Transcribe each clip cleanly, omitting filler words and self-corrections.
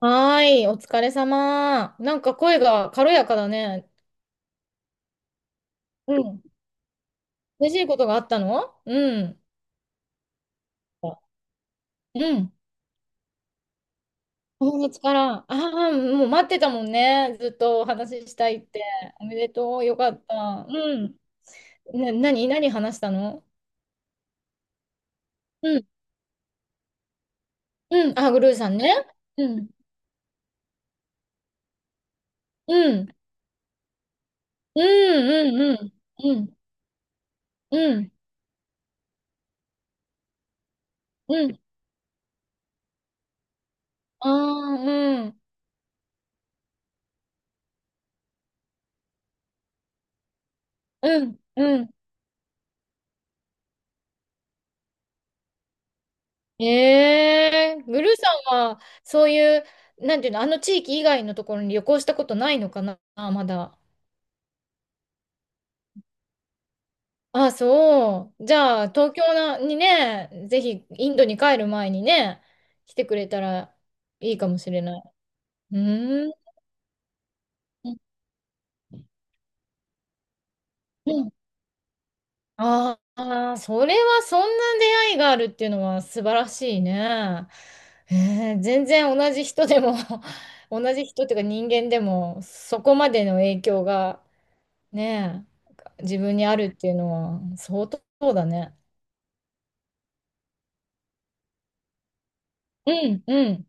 はーい、お疲れ様。なんか声が軽やかだね。うん。嬉しいことがあったの？うん。うん。友月から。ああ、もう待ってたもんね。ずっとお話ししたいって。おめでとう。よかった。うん。何話したの？うん。うん。あ、グルーさんね。うん。うん。うん。うん。うん。うん。うん。うん。ああ、うん。うん。うん。グルーさんは、そういう、なんていうの、あの地域以外のところに旅行したことないのかな、まだ。あ、そう。じゃあ、東京なにね、ぜひ、インドに帰る前にね、来てくれたらいいかもしれない。うーん。うん。ああ、それはそんな出会いがあるっていうのは素晴らしいね。全然同じ人でも 同じ人っていうか人間でもそこまでの影響がね、自分にあるっていうのは相当だね。うん、うん。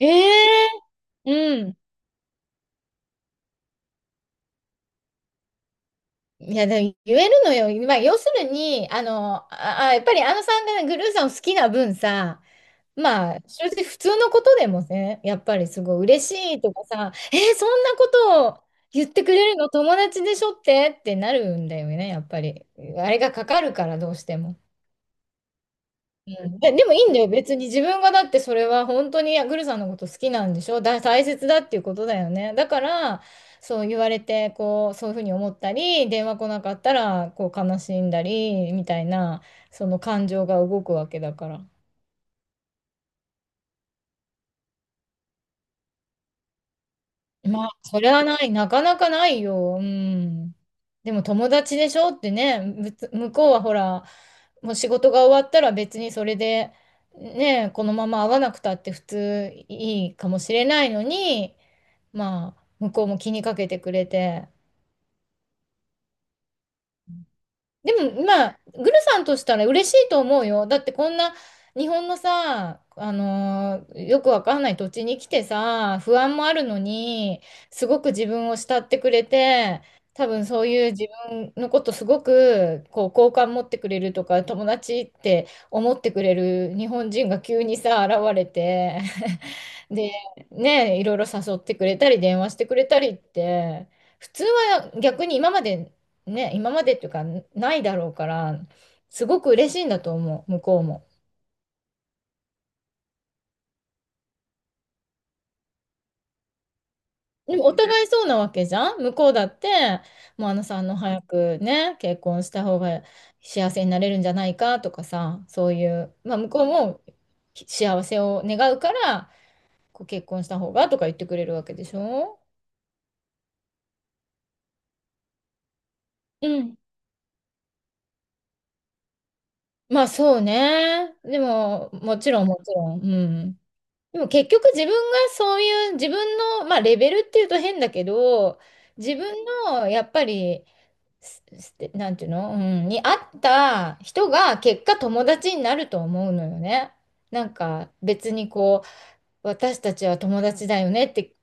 ええ、うん。いや、でも言えるのよ。まあ、要するに、やっぱりあのさんがねグルーさんを好きな分さ、まあ、正直普通のことでもね、やっぱりすごい嬉しいとかさ、そんなことを言ってくれるの友達でしょってなるんだよね、やっぱり。あれがかかるから、どうしても。うん、でもいいんだよ。別に自分がだってそれは本当にグルさんのこと好きなんでしょだ、大切だっていうことだよね。だから、そう言われて、こう、そういうふうに思ったり、電話来なかったら、こう、悲しんだり、みたいな、その感情が動くわけだから。まあ、それはない。なかなかないよ。うん。でも友達でしょってね、向こうはほら、もう仕事が終わったら別にそれで、ね、このまま会わなくたって普通いいかもしれないのに、まあ、向こうも気にかけてくれて、でも、まあ、グルさんとしたら嬉しいと思うよ。だってこんな日本のさ、よくわかんない土地に来てさ、不安もあるのに、すごく自分を慕ってくれて、多分そういう自分のことすごくこう好感持ってくれるとか、友達って思ってくれる日本人が急にさ、現れて、で、ね、いろいろ誘ってくれたり、電話してくれたりって、普通は逆に今までね、今までっていうか、ないだろうから、すごく嬉しいんだと思う、向こうも。でもお互いそうなわけじゃん向こうだって、もうあのさんの早くね、結婚した方が幸せになれるんじゃないかとかさ、そういう、まあ向こうも幸せを願うから、こう結婚した方がとか言ってくれるわけでしょ？うん。まあそうね。でも、もちろんもちろん。うん。でも結局自分がそういう自分の、まあ、レベルっていうと変だけど自分のやっぱりなんていうの、に合った人が結果友達になると思うのよね。なんか別にこう私たちは友達だよねって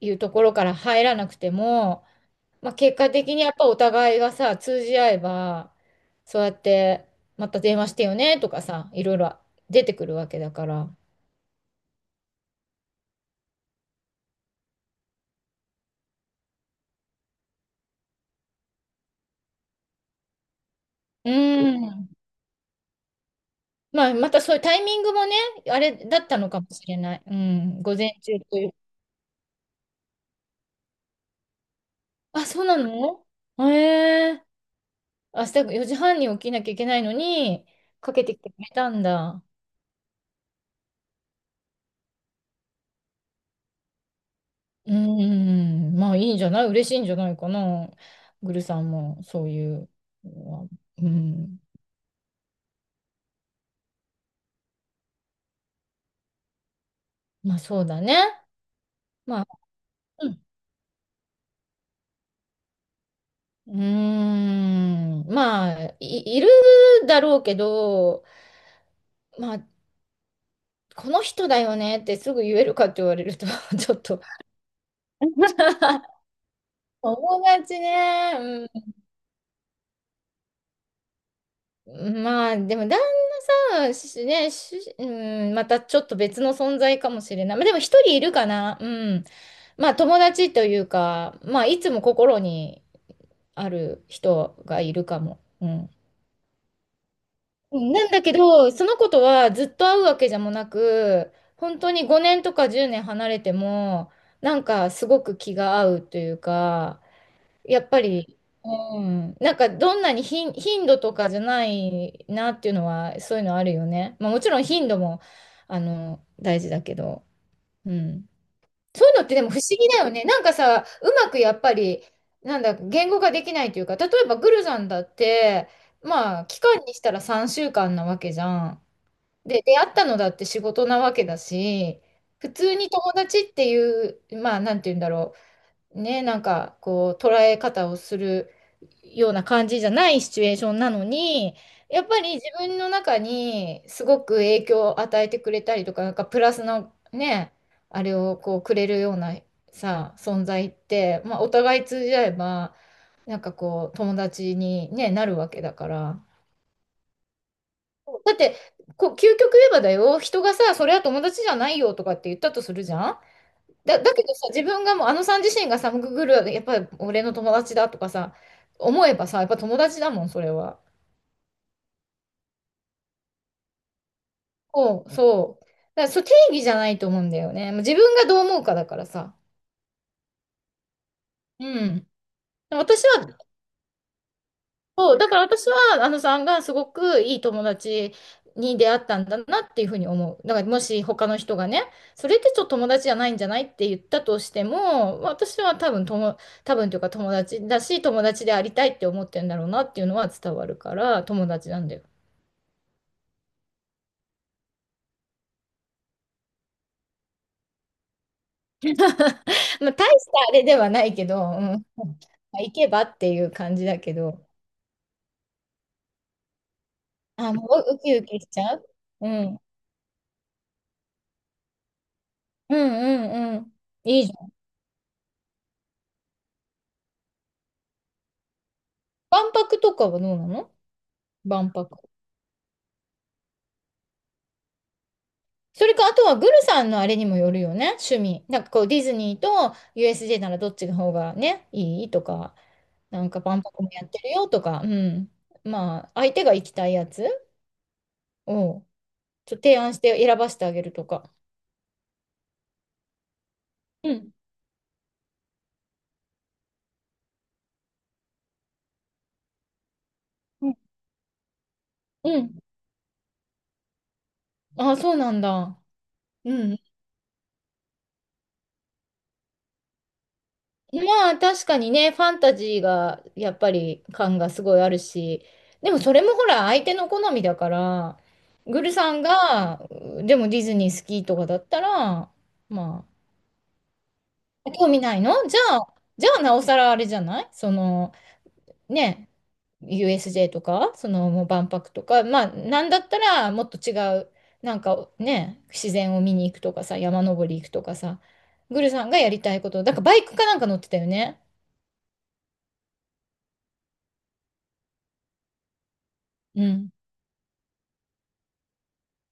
いうところから入らなくても、まあ、結果的にやっぱお互いがさ通じ合えばそうやってまた電話してよねとかさいろいろ出てくるわけだから。うん。まあ、またそういうタイミングもね、あれだったのかもしれない。うん、午前中という。あ、そうなの？ええ、明日4時半に起きなきゃいけないのに、かけてきてくれたんだ。うん、まあいいんじゃない？嬉しいんじゃないかな。グルさんも、そういう。うん、まあそうだね。まあ、うん。うーん、まあ、いるだろうけど、まあ、この人だよねってすぐ言えるかって言われると ちょっと 友達ね、うん、まあでも旦那さん、しね、し、うん、またちょっと別の存在かもしれない。まあでも一人いるかな、うん。まあ友達というか、まあいつも心にある人がいるかも。うん。うん。なんだけど、その子とはずっと会うわけじゃもなく、本当に5年とか10年離れても、なんかすごく気が合うというか、やっぱり、なんかどんなに頻度とかじゃないなっていうのは、そういうのあるよね。まあ、もちろん頻度も、大事だけど、うん。そういうのってでも不思議だよね。なんかさ、うまくやっぱり、なんだ、言語化できないというか、例えばグルさんだって、まあ、期間にしたら3週間なわけじゃん。で、出会ったのだって仕事なわけだし、普通に友達っていう、まあ、なんて言うんだろう。ね、なんかこう捉え方をするような感じじゃないシチュエーションなのに、やっぱり自分の中にすごく影響を与えてくれたりとか、なんかプラスのね、あれをこうくれるようなさ、存在って、まあ、お互い通じ合えば、なんかこう友達に、ね、なるわけだから。だってこう究極言えばだよ、人がさ、それは友達じゃないよとかって言ったとするじゃん。だけどさ、自分がもう、あのさん自身がさ、グーグル、やっぱり俺の友達だとかさ、思えばさ、やっぱ友達だもん、それは。そう、そう。だから、そう、定義じゃないと思うんだよね。もう自分がどう思うかだからさ。うん。私は、そう、だから私は、あのさんがすごくいい友達に出会ったんだなっていうふうに思う。だからもし他の人がね、それってちょっと友達じゃないんじゃないって言ったとしても、私は多分というか友達だし、友達でありたいって思ってるんだろうなっていうのは伝わるから、友達なんだよ。まあ、大したあれではないけど、うん、まあ行けばっていう感じだけど、あ、もうウキウキしちゃう。うん。うん、うん、うん。いいじゃん。万博とかはどうなの？万博。それか、あとはグルさんのあれにもよるよね、趣味。なんかこう、ディズニーと USJ ならどっちの方がね、いいとか、なんか万博もやってるよとか、うん。まあ、相手が行きたいやつを、ちょっと提案して選ばせてあげるとか。うん。うん。うん。ああ、そうなんだ。うん。まあ、確かにね、ファンタジーが、やっぱり感がすごいあるし、でもそれもほら、相手の好みだから、グルさんが、でもディズニー好きとかだったら、まあ、興味ないの？じゃあなおさらあれじゃないその、ね、USJ とか、そのもう万博とか、まあ、なんだったらもっと違う、なんかね、自然を見に行くとかさ、山登り行くとかさ、グルさんがやりたいこと、だからバイクかなんか乗ってたよね。うん。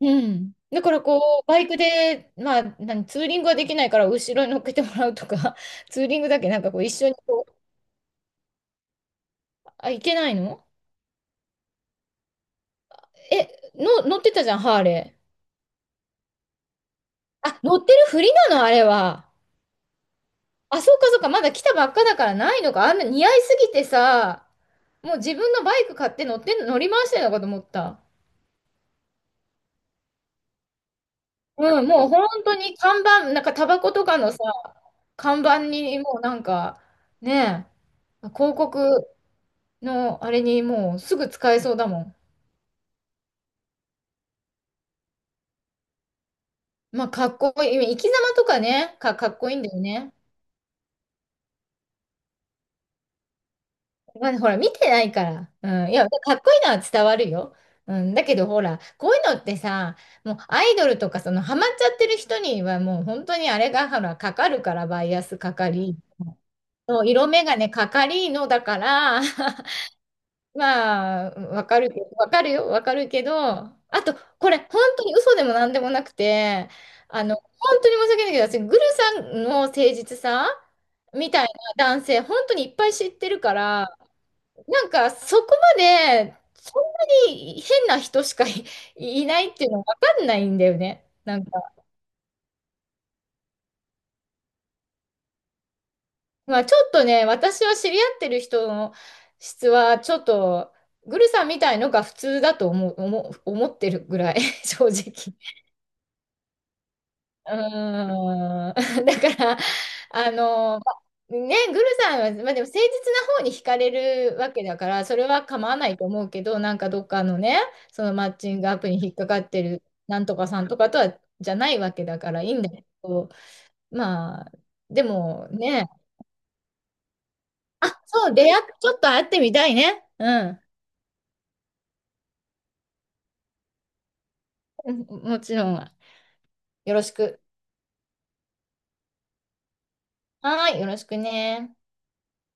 うん。だからこう、バイクで、まあ、何、ツーリングはできないから後ろに乗っけてもらうとか、ツーリングだけなんかこう一緒にこう、あ、行けないの？え、の、乗ってたじゃん、ハーレー。あ、乗ってるふりなの、あれは。あ、そうかそうか、まだ来たばっかだからないのか。あんな似合いすぎてさ、もう自分のバイク買って乗り回してるのかと思った。うん、もう本当に看板、なんかタバコとかのさ、看板にもうなんか、ねえ、広告のあれにもうすぐ使えそうだもん。まあ、かっこいい。生き様とかね、かっこいいんだよね。まあ、ほら、見てないから。うん。いや、かっこいいのは伝わるよ。うん。だけど、ほら、こういうのってさ、もうアイドルとか、その、ハマっちゃってる人には、もう本当にあれが、ほら、かかるから、バイアスかかり、そう色眼鏡かかりのだから、まあ、わかるけど、わかるよ、わかるけど、あと、これ、本当に嘘でもなんでもなくて、本当に申し訳ないけど、私、グルさんの誠実さみたいな男性、本当にいっぱい知ってるから、なんかそこまでそんなに変な人しかい、いないっていうのわかんないんだよね。なんか、まあちょっとね、私は知り合ってる人の質はちょっとグルさんみたいのが普通だと思う、思う、思ってるぐらい、正直。うーん。だから、あの、まね、グルさんは、まあ、でも誠実な方に惹かれるわけだから、それは構わないと思うけど、なんかどっかのね、そのマッチングアプリに引っかかってるなんとかさんとかとは、じゃないわけだからいいんだけど、まあ、でもね、あ、そう、出会っ、ちょっと会ってみたいね。うん。うん、もちろん。よろしく。はーい、よろしくね。